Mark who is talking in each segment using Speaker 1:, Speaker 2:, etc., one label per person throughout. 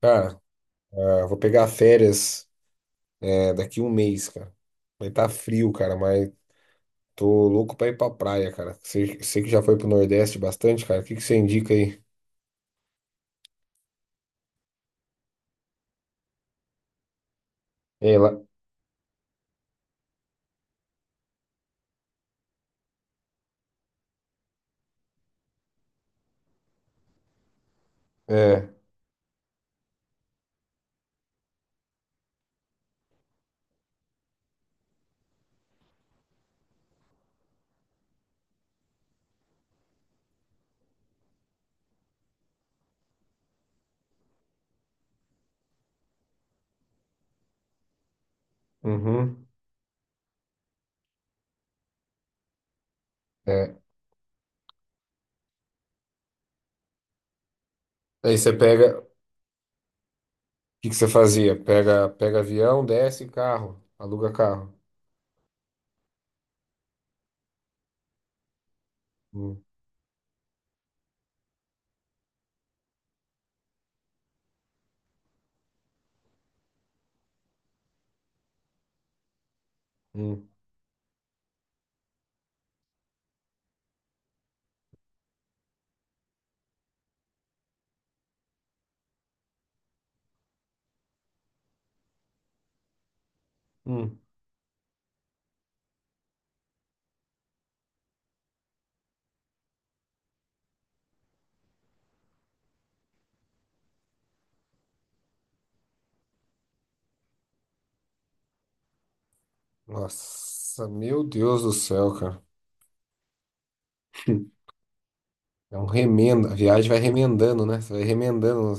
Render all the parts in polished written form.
Speaker 1: Cara, ah, vou pegar férias, é, daqui um mês, cara. Vai estar frio, cara, mas tô louco pra ir pra praia, cara. Você que já foi pro Nordeste bastante, cara, o que que você indica aí? É, lá, é, uhum, é. O que que você fazia? Pega avião, desce carro, aluga carro. Hum, hum, hum. Nossa, meu Deus do céu, cara. É um remendo, a viagem vai remendando, né? Você vai remendando.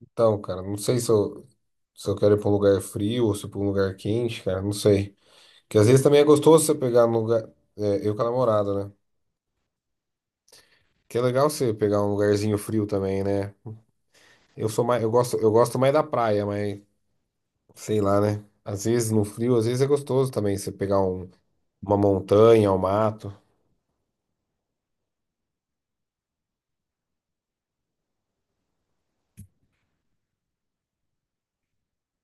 Speaker 1: Então, cara, não sei se eu quero ir pra um lugar frio ou se pra um lugar quente, cara, não sei. Porque às vezes também é gostoso você pegar no lugar. É, eu com a namorada, né? Que é legal você pegar um lugarzinho frio também, né? Eu sou mais, eu gosto mais da praia, mas sei lá, né? Às vezes no frio, às vezes é gostoso também você pegar uma montanha, um mato,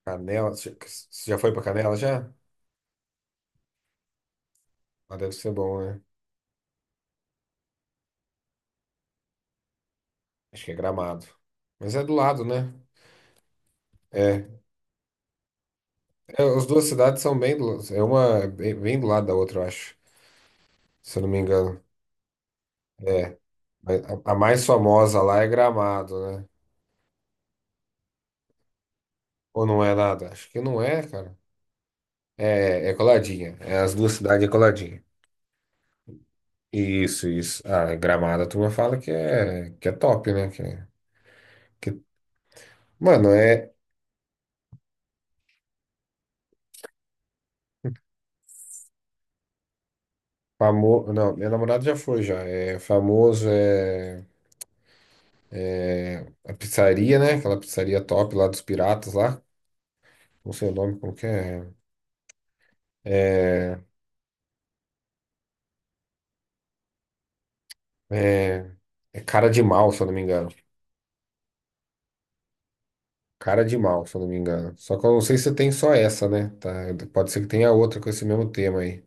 Speaker 1: Canela. Você já foi pra Canela já? Ah, deve ser bom, né? Acho que é Gramado. Mas é do lado, né? É. É, as duas cidades são bem do, é uma é bem bem do lado da outra, eu acho. Se eu não me engano. É. Mas a mais famosa lá é Gramado, né? Ou não é nada? Acho que não é, cara. É, é coladinha. É as duas cidades é coladinha. Isso, isso. Ah, Gramado, a turma fala que é top, né? Que, mano, é famoso. Não, minha namorada já foi já. É famoso, é a pizzaria, né? Aquela pizzaria top lá dos piratas lá. Não sei o nome, como que é. É, é, é cara de mal, se eu não me engano. Cara de mal, se eu não me engano. Só que eu não sei se tem só essa, né? Tá? Pode ser que tenha outra com esse mesmo tema aí.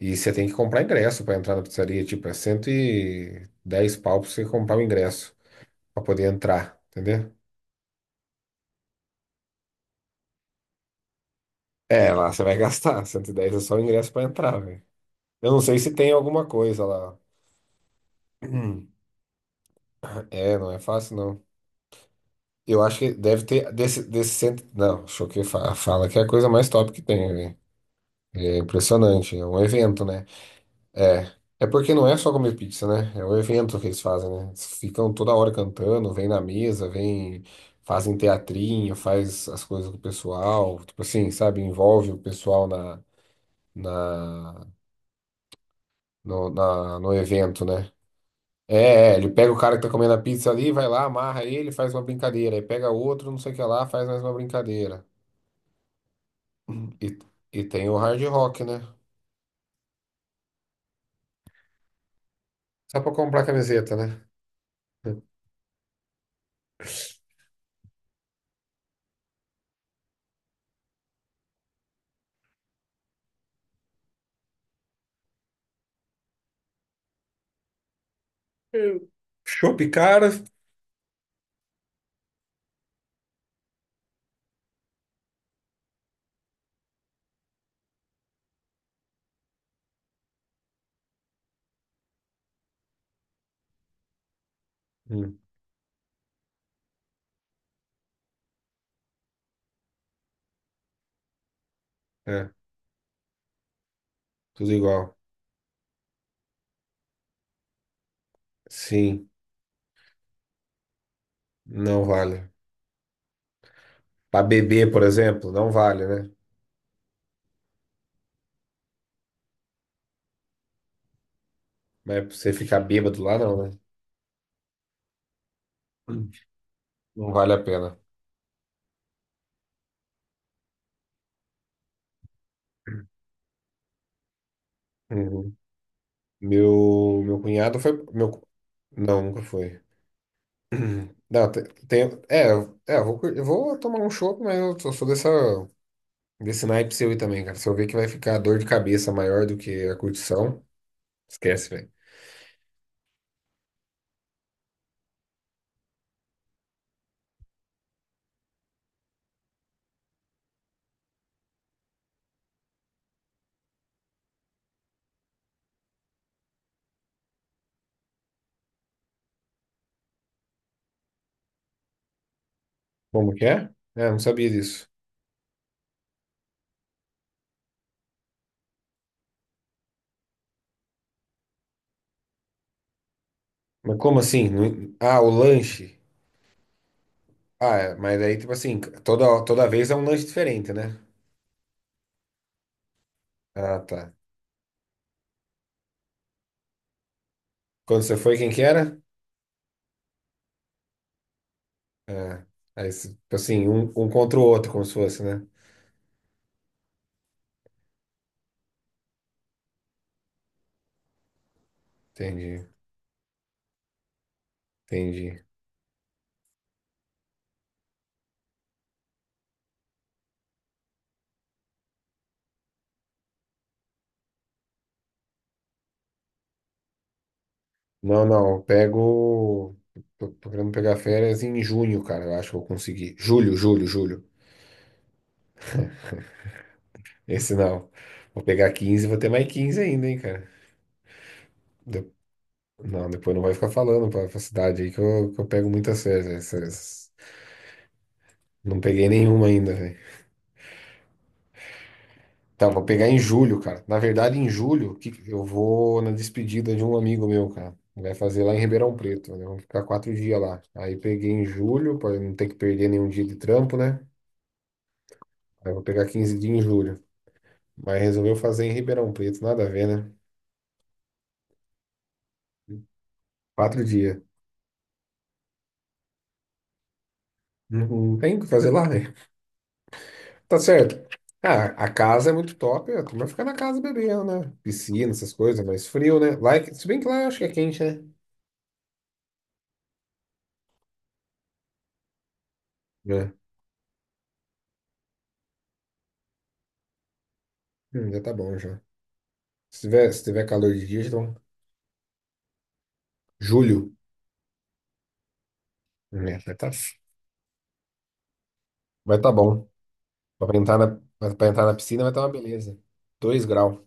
Speaker 1: E você tem que comprar ingresso pra entrar na pizzaria. Tipo, é 110 pau pra você comprar o ingresso pra poder entrar, entendeu? É, lá você vai gastar. 110 é só o ingresso pra entrar, velho. Eu não sei se tem alguma coisa lá. Hum. É, não é fácil, não. Eu acho que deve ter desse cento. Não, Choquei fala que é a coisa mais top que tem, velho. É impressionante. É um evento, né? É. É porque não é só comer pizza, né? É o evento que eles fazem, né? Eles ficam toda hora cantando, vem na mesa, vem, fazem teatrinho, faz as coisas com o pessoal, tipo assim, sabe? Envolve o pessoal na, no evento, né? Ele pega o cara que tá comendo a pizza ali, vai lá, amarra ele, faz uma brincadeira. Aí pega outro, não sei o que lá, faz mais uma brincadeira. E, e tem o Hard Rock, né? Só pra comprar camiseta, né? Eu- Chopp caro? Hum, é, tudo igual. Sim, não vale. Pra beber, por exemplo, não vale, né? Mas pra você ficar bêbado lá, não, né? Hum. Não vale a pena. Uhum. Meu cunhado foi. Não, nunca foi. Não, eu vou, eu vou tomar um chopp, mas eu sou dessa, desse naipe seu aí também, cara. Se eu ver que vai ficar dor de cabeça maior do que a curtição. Esquece, velho. Como que é? É, não sabia disso. Mas como assim? Ah, o lanche. Ah, é, mas aí, tipo assim, toda vez é um lanche diferente, né? Ah, tá. Quando você foi, quem que era? Ah, aí, tipo assim, um contra o outro, como se fosse, né? Entendi, entendi. Não, não, eu pego. Tô querendo pegar férias em junho, cara. Eu acho que eu consegui. Julho, julho, julho. Esse não. Vou pegar 15 e vou ter mais 15 ainda, hein, cara. De- Não, depois não vai ficar falando pra cidade aí que eu pego muitas férias, né? Não peguei nenhuma ainda, velho. Tá, vou pegar em julho, cara. Na verdade, em julho, que eu vou na despedida de um amigo meu, cara. Vai fazer lá em Ribeirão Preto, né? Vamos ficar 4 dias lá. Aí peguei em julho, pra não ter que perder nenhum dia de trampo, né? Aí vou pegar 15 dias em julho. Mas resolveu fazer em Ribeirão Preto, nada a ver, né? 4 dias. Não tem o que fazer lá, né? Tá certo. Ah, a casa é muito top, a turma fica na casa bebendo, né? Piscina, essas coisas, mas frio, né? Lá, é se bem que lá eu acho que é quente, né? É. Já tá bom, já. Se tiver calor de dia, então. Julho. Né? Vai tá bom. Pra entrar na, pra entrar na piscina vai tá uma beleza. 2 graus.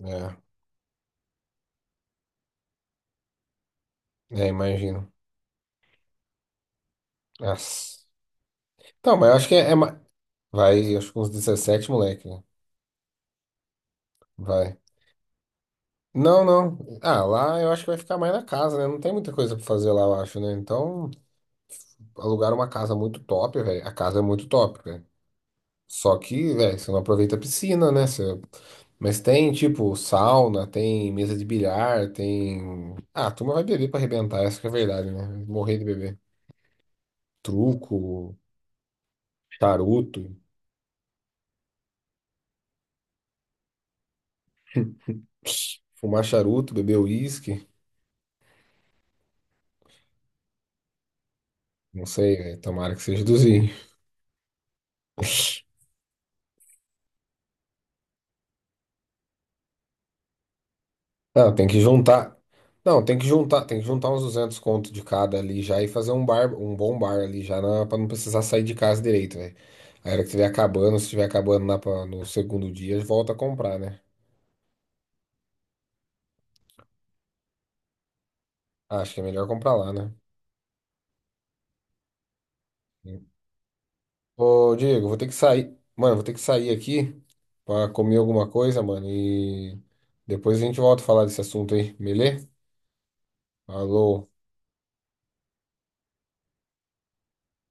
Speaker 1: É, é, imagino. Nossa. Então, mas eu acho que é, é ma- Vai, acho que uns 17 moleque, né? Vai. Não, não. Ah, lá eu acho que vai ficar mais na casa, né? Não tem muita coisa pra fazer lá, eu acho, né? Então, alugar uma casa muito top, velho. A casa é muito top, né? Só que, velho, você não aproveita a piscina, né? Mas tem, tipo, sauna, tem mesa de bilhar, tem. Ah, a turma vai beber pra arrebentar, essa que é a verdade, né? Morrer de beber. Truco, charuto, fumar charuto, beber uísque. Não sei, velho. Tomara que seja dos- Não, tem que juntar. Não, tem que juntar, uns 200 conto de cada ali já e fazer um bar, um bom bar ali já, pra não precisar sair de casa direito, velho. A hora que estiver acabando, se estiver acabando no segundo dia, volta a comprar, né? Ah, acho que é melhor comprar lá, né? Sim. Ô, Diego, vou ter que sair. Mano, vou ter que sair aqui pra comer alguma coisa, mano, e depois a gente volta a falar desse assunto aí, beleza? Falou.